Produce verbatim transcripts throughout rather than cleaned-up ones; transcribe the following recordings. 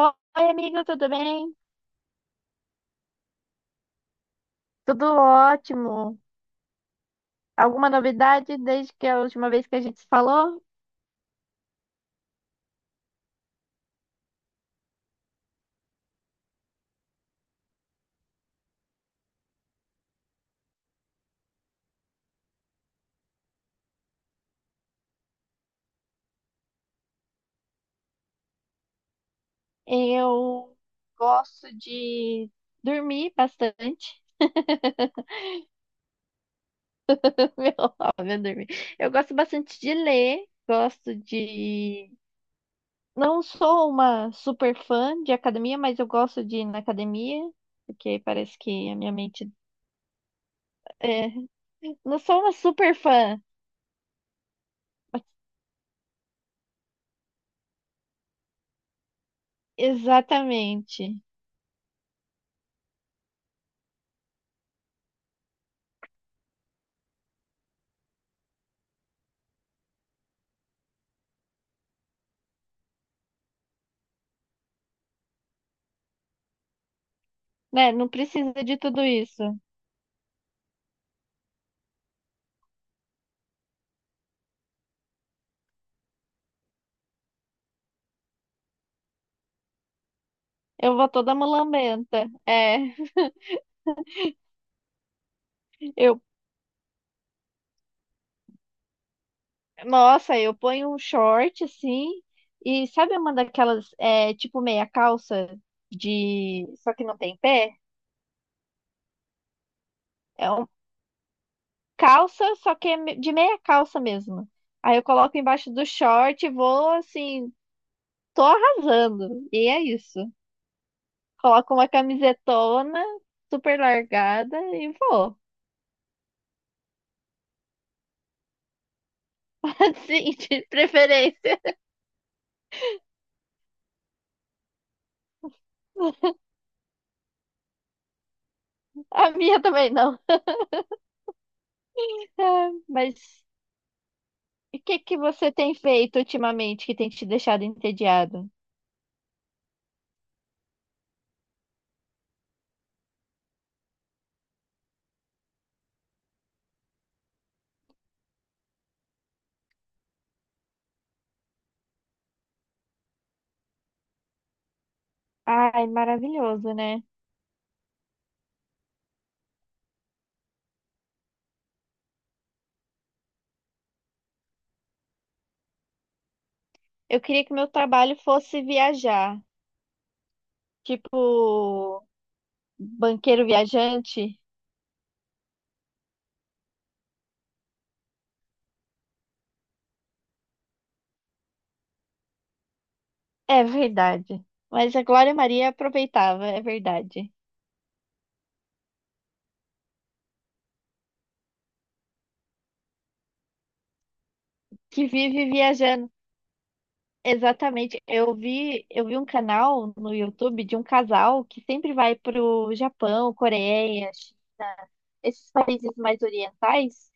Oi, amigo, tudo bem? Tudo ótimo. Alguma novidade desde que a última vez que a gente se falou? Eu gosto de dormir bastante. Meu, óbvio, dormir. Eu gosto bastante de ler, gosto de. Não sou uma super fã de academia, mas eu gosto de ir na academia, porque parece que a minha mente. É, não sou uma super fã. Exatamente. Né? Não precisa de tudo isso. Eu vou toda mulambenta. É, eu, nossa, eu ponho um short assim e sabe uma daquelas é, tipo meia calça de, só que não tem pé? É um calça, só que é me- de meia calça mesmo. Aí eu coloco embaixo do short e vou assim, tô arrasando. E é isso. Coloco uma camisetona super largada e vou. Assim, de preferência. A minha também não. Mas e o que que você tem feito ultimamente que tem te deixado entediado? Ai, maravilhoso, né? Eu queria que meu trabalho fosse viajar, tipo banqueiro viajante. É verdade. Mas a Glória Maria aproveitava, é verdade. Que vive viajando. Exatamente. Eu vi, eu vi um canal no YouTube de um casal que sempre vai pro Japão, Coreia, esses países mais orientais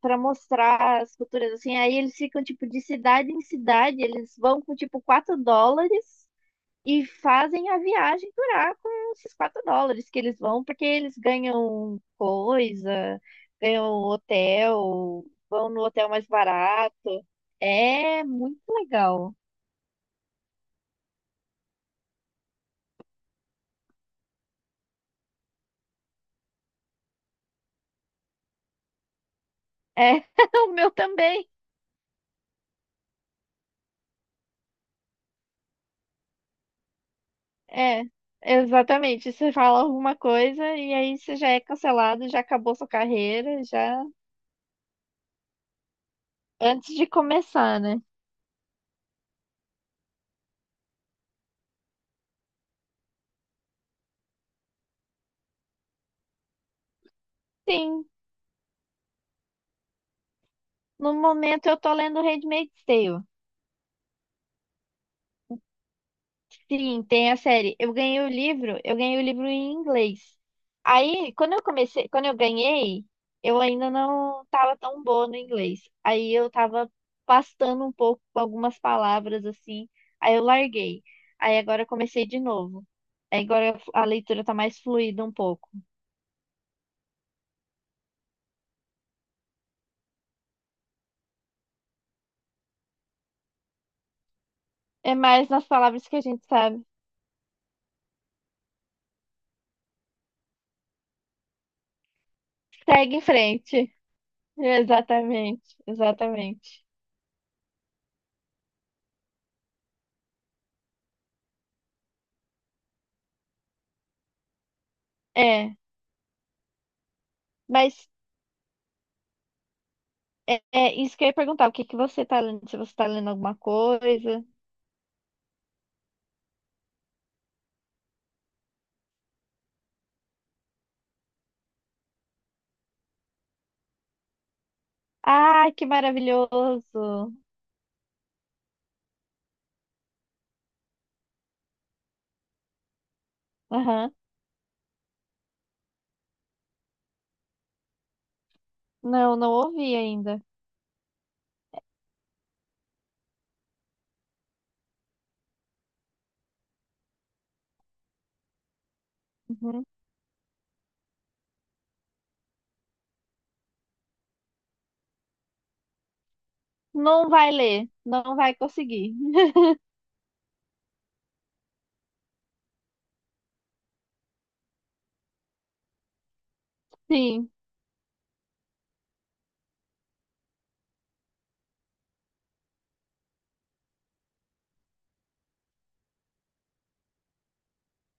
para mostrar as culturas assim. Aí eles ficam tipo de cidade em cidade, eles vão com tipo quatro dólares e fazem a viagem durar com esses quatro dólares que eles vão, porque eles ganham coisa, ganham hotel, vão no hotel mais barato. É muito legal. É, o meu também. É, exatamente. Você fala alguma coisa e aí você já é cancelado, já acabou sua carreira, já antes de começar, né? Sim, no momento eu tô lendo Handmaid's Tale. Sim, tem a série. Eu ganhei o livro, eu ganhei o livro em inglês. Aí, quando eu comecei, quando eu ganhei, eu ainda não tava tão boa no inglês. Aí eu tava pastando um pouco com algumas palavras assim, aí eu larguei. Aí agora eu comecei de novo. Aí agora a leitura tá mais fluida um pouco. É mais nas palavras que a gente sabe. Segue em frente. Exatamente, exatamente. É, mas é, é isso que eu ia perguntar, o que que você tá lendo? Se você tá lendo alguma coisa. Ah, que maravilhoso! Aham. Não, não ouvi ainda. Uhum. Não vai ler, não vai conseguir. Sim,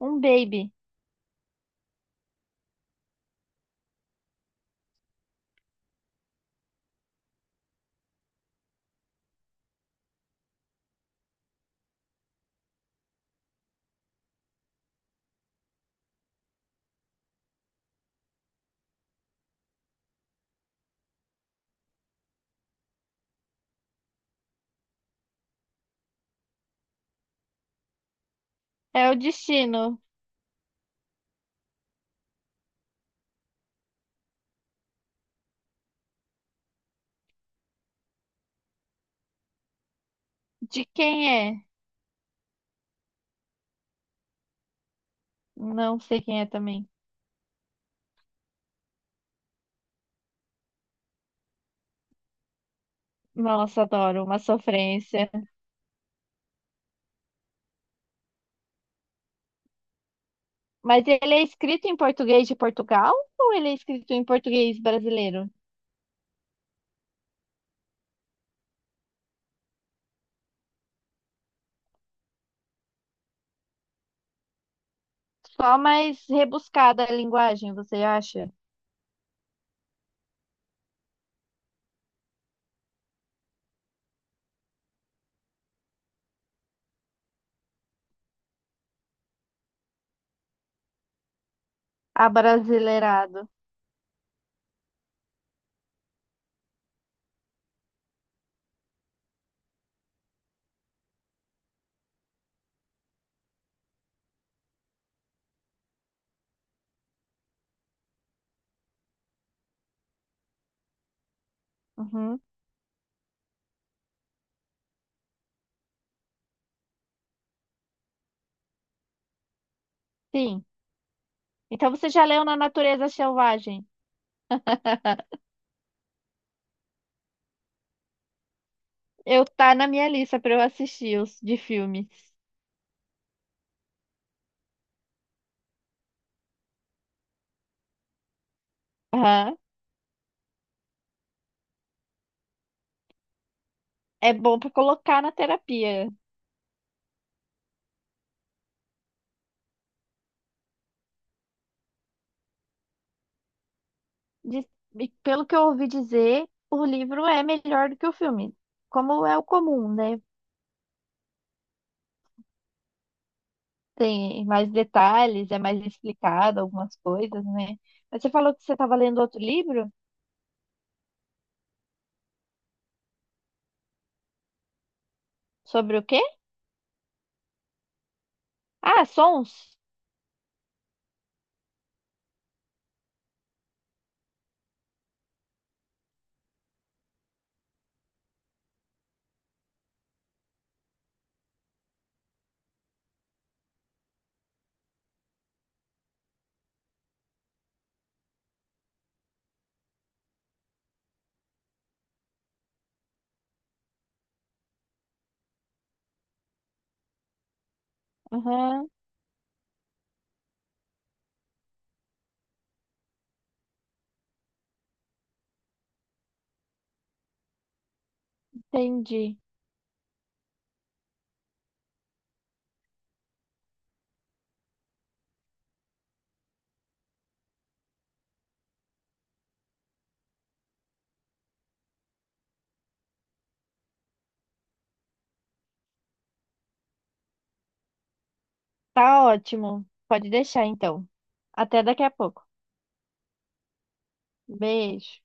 um baby. É o destino. De quem é? Não sei quem é também. Nossa, adoro, uma sofrência. Mas ele é escrito em português de Portugal ou ele é escrito em português brasileiro? Só mais rebuscada a linguagem, você acha? Abrasileirado. Uhum. Sim. Então você já leu Na Natureza Selvagem? Eu tá na minha lista para eu assistir os de filmes. Aham. É bom para colocar na terapia. Diz- e pelo que eu ouvi dizer, o livro é melhor do que o filme, como é o comum, né? Tem mais detalhes, é mais explicado algumas coisas, né? Mas você falou que você estava lendo outro livro? Sobre o quê? Ah, sons. Aham, entendi. Tá ótimo. Pode deixar então. Até daqui a pouco. Beijo.